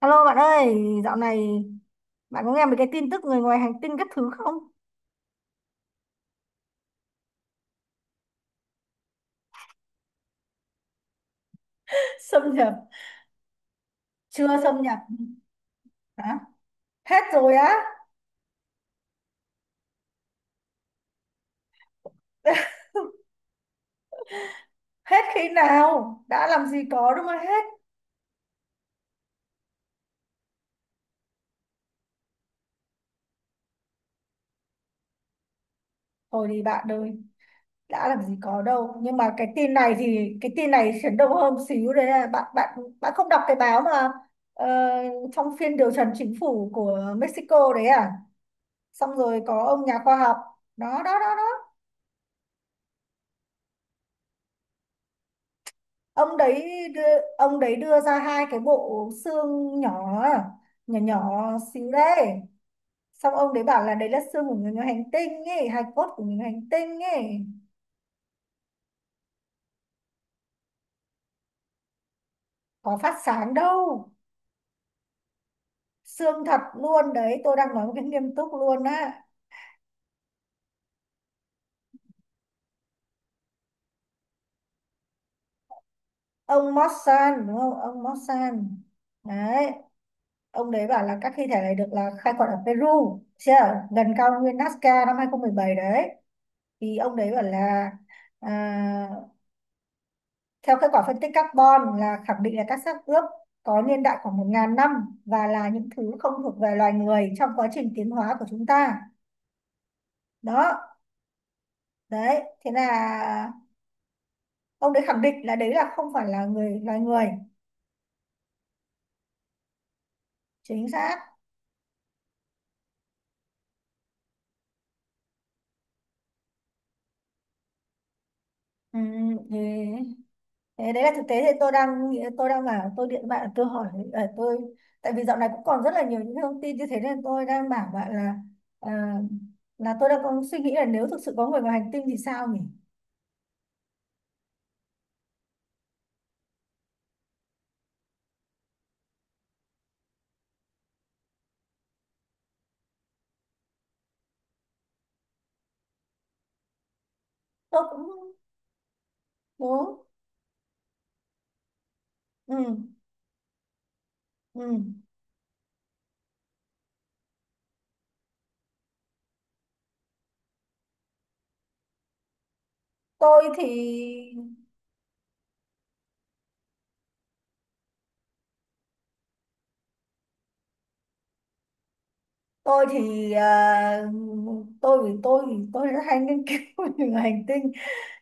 Alo bạn ơi, dạo này bạn có nghe mấy cái tin tức người ngoài hành tinh các thứ không? Xâm nhập? Chưa xâm nhập. Hả? Hết rồi á? Hết khi nào, đã làm gì có, đúng không? Hết? Thôi đi bạn ơi, đã làm gì có đâu. Nhưng mà cái tin này thì cái tin này chấn động hơn một xíu đấy, là bạn bạn bạn không đọc cái báo mà. ờ, Trong phiên điều trần chính phủ của Mexico đấy à, xong rồi có ông nhà khoa học đó đó đó đó. ông đấy đưa, ông đấy đưa ra hai cái bộ xương nhỏ, nhỏ nhỏ xíu đấy. Xong ông đấy bảo là đấy là xương của người ngoài hành tinh ấy, hài cốt của người ngoài hành tinh ấy. Có phát sáng đâu, xương thật luôn đấy, tôi đang nói một cái nghiêm túc luôn á. Ông Mossan đúng không, ông Mossan đấy. Ông đấy bảo là các thi thể này được là khai quật ở Peru, chưa, gần cao nguyên Nazca năm 2017 đấy. Thì ông đấy bảo là, à, theo kết quả phân tích carbon là khẳng định là các xác ướp có niên đại khoảng một 000 năm, và là những thứ không thuộc về loài người trong quá trình tiến hóa của chúng ta. Đó, đấy, thế là ông đấy khẳng định là đấy là không phải là người loài người. Chính xác. Ừ, thế đấy là thực tế thì tôi đang bảo tôi điện bạn tôi hỏi, ờ, tôi tại vì dạo này cũng còn rất là nhiều những thông tin như thế, nên tôi đang bảo bạn là, ờ, là tôi đang có suy nghĩ là nếu thực sự có người ngoài hành tinh thì sao nhỉ? Tôi cũng đúng. Ừ, ừ. tôi thì tôi thì à, tôi vì tôi thì tôi rất hay nghiên cứu về hành tinh.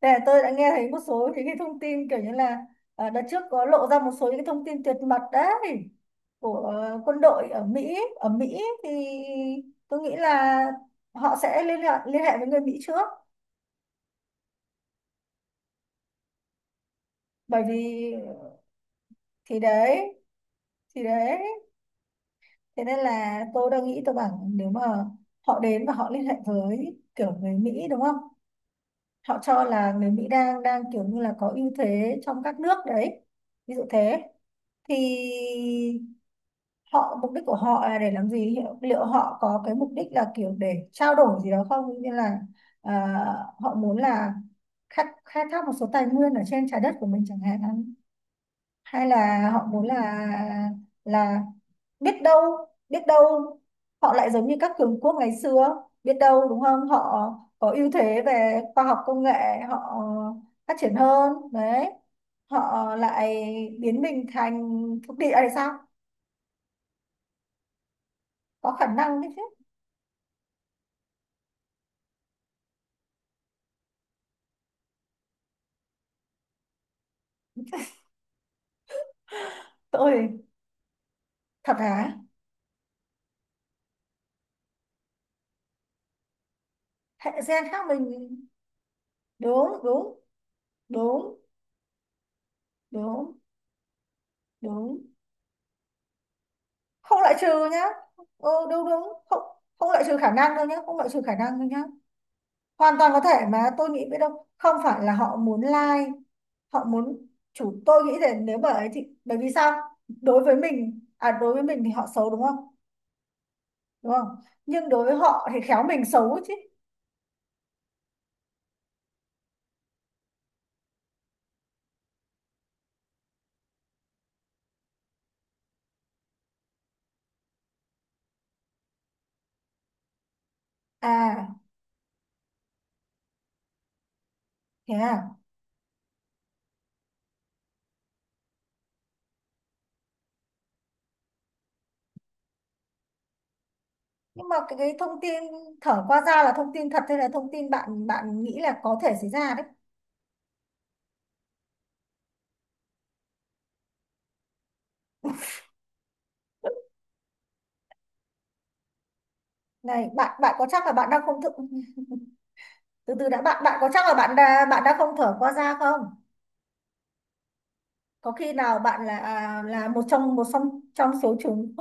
Nên là tôi đã nghe thấy một số những cái thông tin kiểu như là, đợt trước có lộ ra một số những cái thông tin tuyệt mật đấy của quân đội ở Mỹ. Ở Mỹ thì tôi nghĩ là họ sẽ liên hệ với người Mỹ trước, bởi vì, thì đấy, thì đấy. Thế nên là tôi đang nghĩ tôi bảo nếu mà họ đến và họ liên hệ với kiểu người Mỹ đúng không? Họ cho là người Mỹ đang đang kiểu như là có ưu thế trong các nước đấy. Ví dụ thế thì họ, mục đích của họ là để làm gì? Liệu Liệu họ có cái mục đích là kiểu để trao đổi gì đó không? Như là, à, họ muốn là khai thác một số tài nguyên ở trên trái đất của mình chẳng hạn, hay là họ muốn là, là biết đâu, biết đâu họ lại giống như các cường quốc ngày xưa, biết đâu đúng không, họ có ưu thế về khoa học công nghệ, họ phát triển hơn đấy, họ lại biến mình thành thuộc địa hay sao. Có khả năng đấy chứ. Tôi, thật hả? Hệ gen khác mình. Đúng đúng đúng đúng, đúng, không loại trừ nhá. Ừ, đúng đúng. Không không loại trừ khả năng đâu nhá, không loại trừ khả năng đâu nhá. Hoàn toàn có thể mà, tôi nghĩ biết đâu không phải là họ muốn like, họ muốn chủ. Tôi nghĩ là nếu bởi ấy thì bởi vì sao, đối với mình, à đối với mình thì họ xấu đúng không, đúng không, nhưng đối với họ thì khéo mình xấu chứ. À, thế à. Nhưng mà cái thông tin thở qua da là thông tin thật hay là thông tin bạn bạn nghĩ là có thể xảy ra đấy. Này bạn bạn có chắc là bạn đang không thực. Từ từ đã, bạn bạn có chắc là bạn đã không thở qua da không. Có khi nào bạn là, là một trong trong số chúng.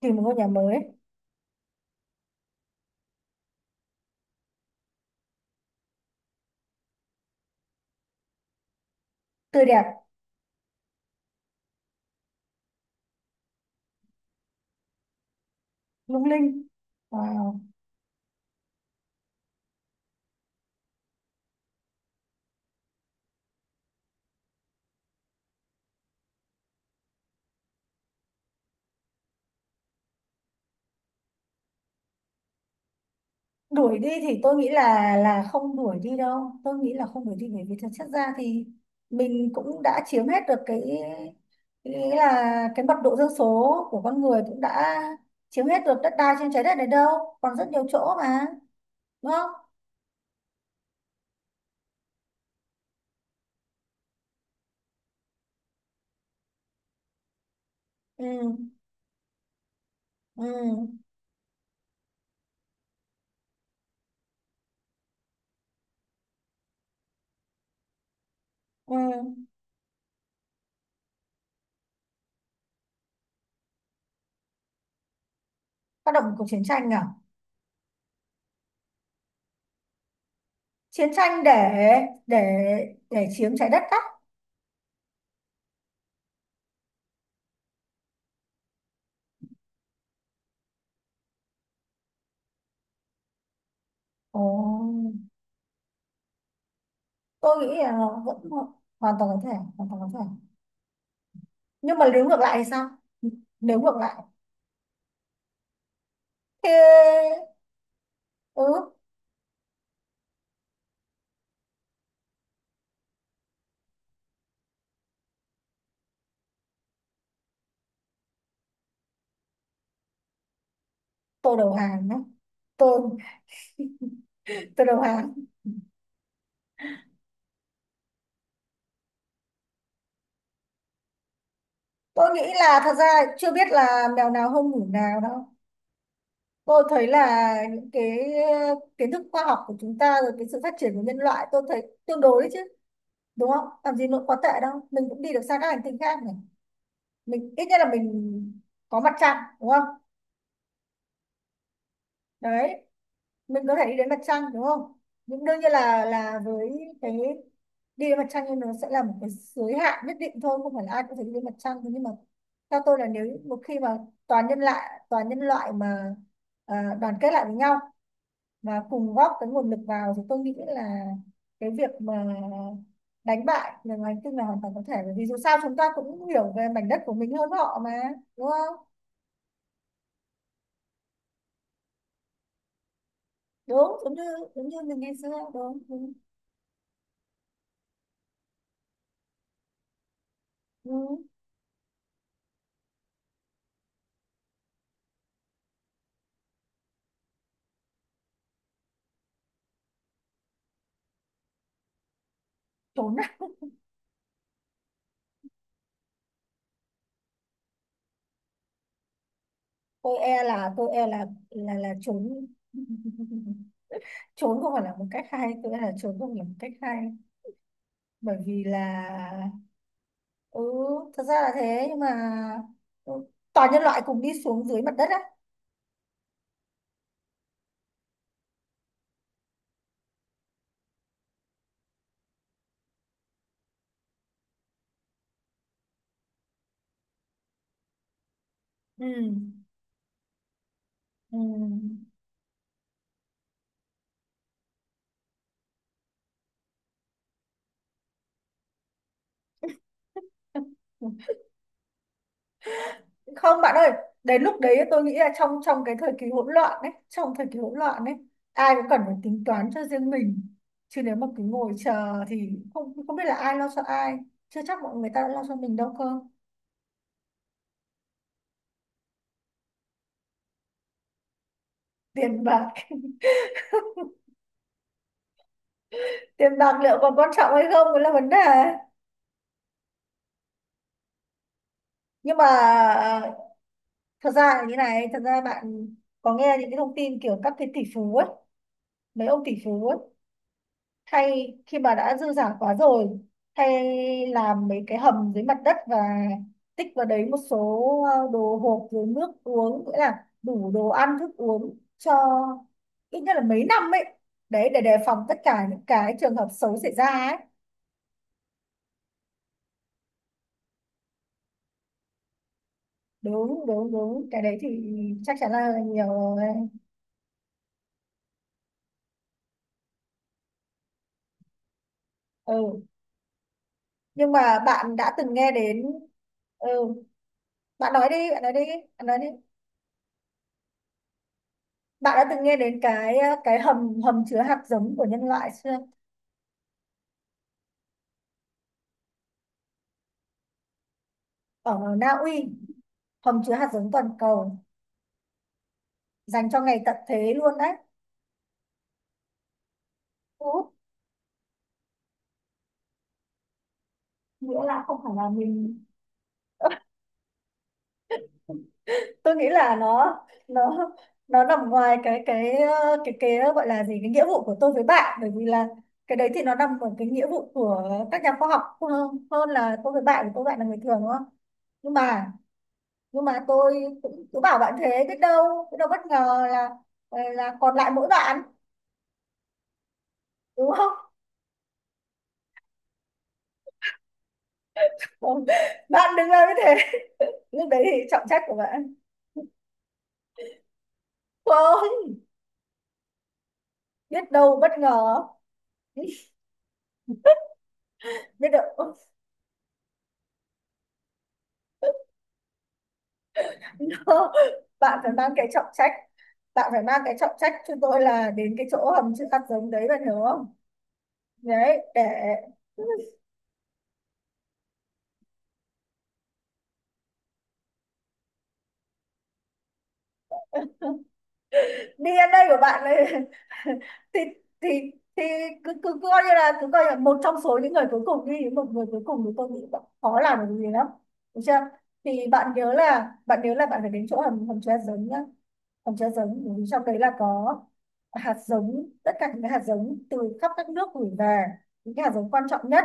Tìm một ngôi nhà mới, tươi đẹp, lung linh. Wow. Đuổi đi thì tôi nghĩ là không đuổi đi đâu, tôi nghĩ là không đuổi đi, bởi vì thực chất ra thì mình cũng đã chiếm hết được cái, nghĩa là cái mật độ dân số của con người cũng đã chiếm hết được đất đai trên trái đất này đâu, còn rất nhiều chỗ mà, đúng không. Ừ, ừ, ừ. Tác động của chiến tranh à, chiến tranh để để để chiếm trái đất á. Ồ, tôi nghĩ là vẫn hoàn toàn có thể, hoàn toàn có thể. Nhưng mà nếu ngược lại thì sao, nếu ngược lại. Thế. Ừ, tôi đầu hàng đấy. Tôi tôi đầu hàng. Tôi nghĩ là thật ra chưa biết là mèo nào không ngủ nào đâu. Tôi thấy là những cái kiến thức khoa học của chúng ta, rồi cái sự phát triển của nhân loại, tôi thấy tương đối đấy chứ, đúng không, làm gì nó quá tệ đâu. Mình cũng đi được sang các hành tinh khác này, mình ít nhất là mình có mặt trăng đúng không, đấy mình có thể đi đến mặt trăng đúng không. Nhưng đương nhiên là với cái, đi đến mặt trăng thì nó sẽ là một cái giới hạn nhất định thôi, không phải là ai cũng phải đi đến mặt trăng. Thế nhưng mà theo tôi là nếu một khi mà toàn nhân loại, toàn nhân loại mà, đoàn kết lại với nhau và cùng góp cái nguồn lực vào thì tôi nghĩ là cái việc mà đánh bại người ngoài hành tinh là hoàn toàn có thể, bởi vì dù sao chúng ta cũng hiểu về mảnh đất của mình hơn họ mà, đúng không. Đúng, giống như, giống như mình ngày xưa, đúng, đúng. Ừ. Trốn, tôi e là, tôi e là trốn. Trốn không phải là một cách hay, tôi e là trốn không phải là một cách hay, bởi vì là. Ừ, thật ra là thế, nhưng mà, ừ, toàn nhân loại cùng đi xuống dưới mặt đất á. Ừ, ừ. Không bạn ơi, đến lúc đấy tôi nghĩ là trong trong cái thời kỳ hỗn loạn đấy, trong thời kỳ hỗn loạn đấy, ai cũng cần phải tính toán cho riêng mình, chứ nếu mà cứ ngồi chờ thì không không biết là ai lo cho ai, chưa chắc mọi người ta đã lo cho mình đâu cơ. Tiền bạc, tiền bạc liệu còn quan trọng hay không cũng là vấn đề. Nhưng mà, ờ, thật ra là như này, thật ra bạn có nghe những cái thông tin kiểu các cái tỷ phú ấy, mấy ông tỷ phú ấy, hay khi mà đã dư giả quá rồi hay làm mấy cái hầm dưới mặt đất và tích vào đấy một số đồ hộp, rồi nước uống, nghĩa là đủ đồ ăn thức uống cho ít nhất là mấy năm ấy, đấy để đề phòng tất cả những cái trường hợp xấu xảy ra ấy. Đúng đúng đúng, cái đấy thì chắc chắn là nhiều rồi. Ừ, nhưng mà bạn đã từng nghe đến. Ừ, bạn nói đi bạn nói đi. Bạn đã từng nghe đến cái, cái hầm hầm chứa hạt giống của nhân loại chưa. Ở Na Uy, hầm chứa hạt giống toàn cầu dành cho ngày tận thế luôn đấy. Thu hút, nghĩa là không phải là mình, ừ, tôi nghĩ là nó nó nằm ngoài cái gọi là gì, cái nghĩa vụ của tôi với bạn, bởi vì là cái đấy thì nó nằm ở cái nghĩa vụ của các nhà khoa học hơn là tôi với bạn, của tôi với bạn là người thường đúng không. Nhưng mà nhưng mà tôi cũng cứ bảo bạn thế, biết đâu, biết đâu bất ngờ là, là còn lại mỗi bạn đúng không. Còn bạn đứng làm như thế, lúc đấy thì trọng trách của bạn không, biết đâu bất ngờ, biết đâu. No. Bạn phải mang cái trọng trách, bạn phải mang cái trọng trách cho tôi là đến cái chỗ hầm chữ hạt giống đấy, bạn hiểu không, đấy để. DNA của bạn ấy, thì thì cứ cứ coi như là cứ coi là một trong số những người cuối cùng đi, một người cuối cùng thì tôi nghĩ bạn khó làm được gì lắm, được chưa. Thì bạn nhớ là bạn phải đến chỗ hầm hầm chứa hạt giống nhá, hầm chứa hạt giống, bởi vì trong đấy là có hạt giống, tất cả những cái hạt giống từ khắp các nước gửi về, những cái hạt giống quan trọng nhất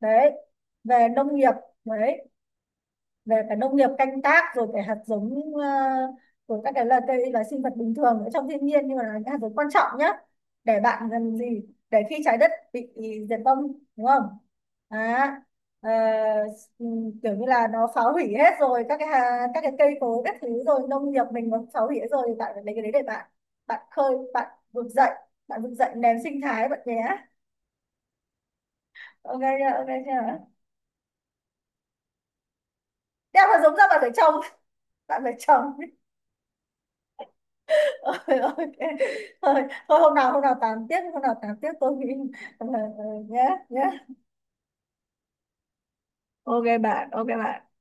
đấy, về nông nghiệp, đấy về cả nông nghiệp canh tác, rồi cái hạt giống, rồi các cái là cây là sinh vật bình thường ở trong thiên nhiên nhưng mà là những hạt giống quan trọng nhá, để bạn gần gì, để khi trái đất bị diệt vong đúng không, à, ờ, kiểu như là nó phá hủy hết rồi các cái, các cái cây cối các thứ, rồi nông nghiệp mình nó phá hủy hết rồi, thì bạn phải lấy cái đấy để bạn, bạn khơi bạn vực dậy, bạn vực dậy nền sinh thái bạn nhé. Ok chưa, ok chưa. Đeo hạt giống ra, bạn phải trồng, bạn phải trồng. Ôi, ok, thôi thôi, hôm nào tám tiếp, hôm nào tám tiếp, tôi nghĩ. Nhé nhé. Ok bạn, ok bạn.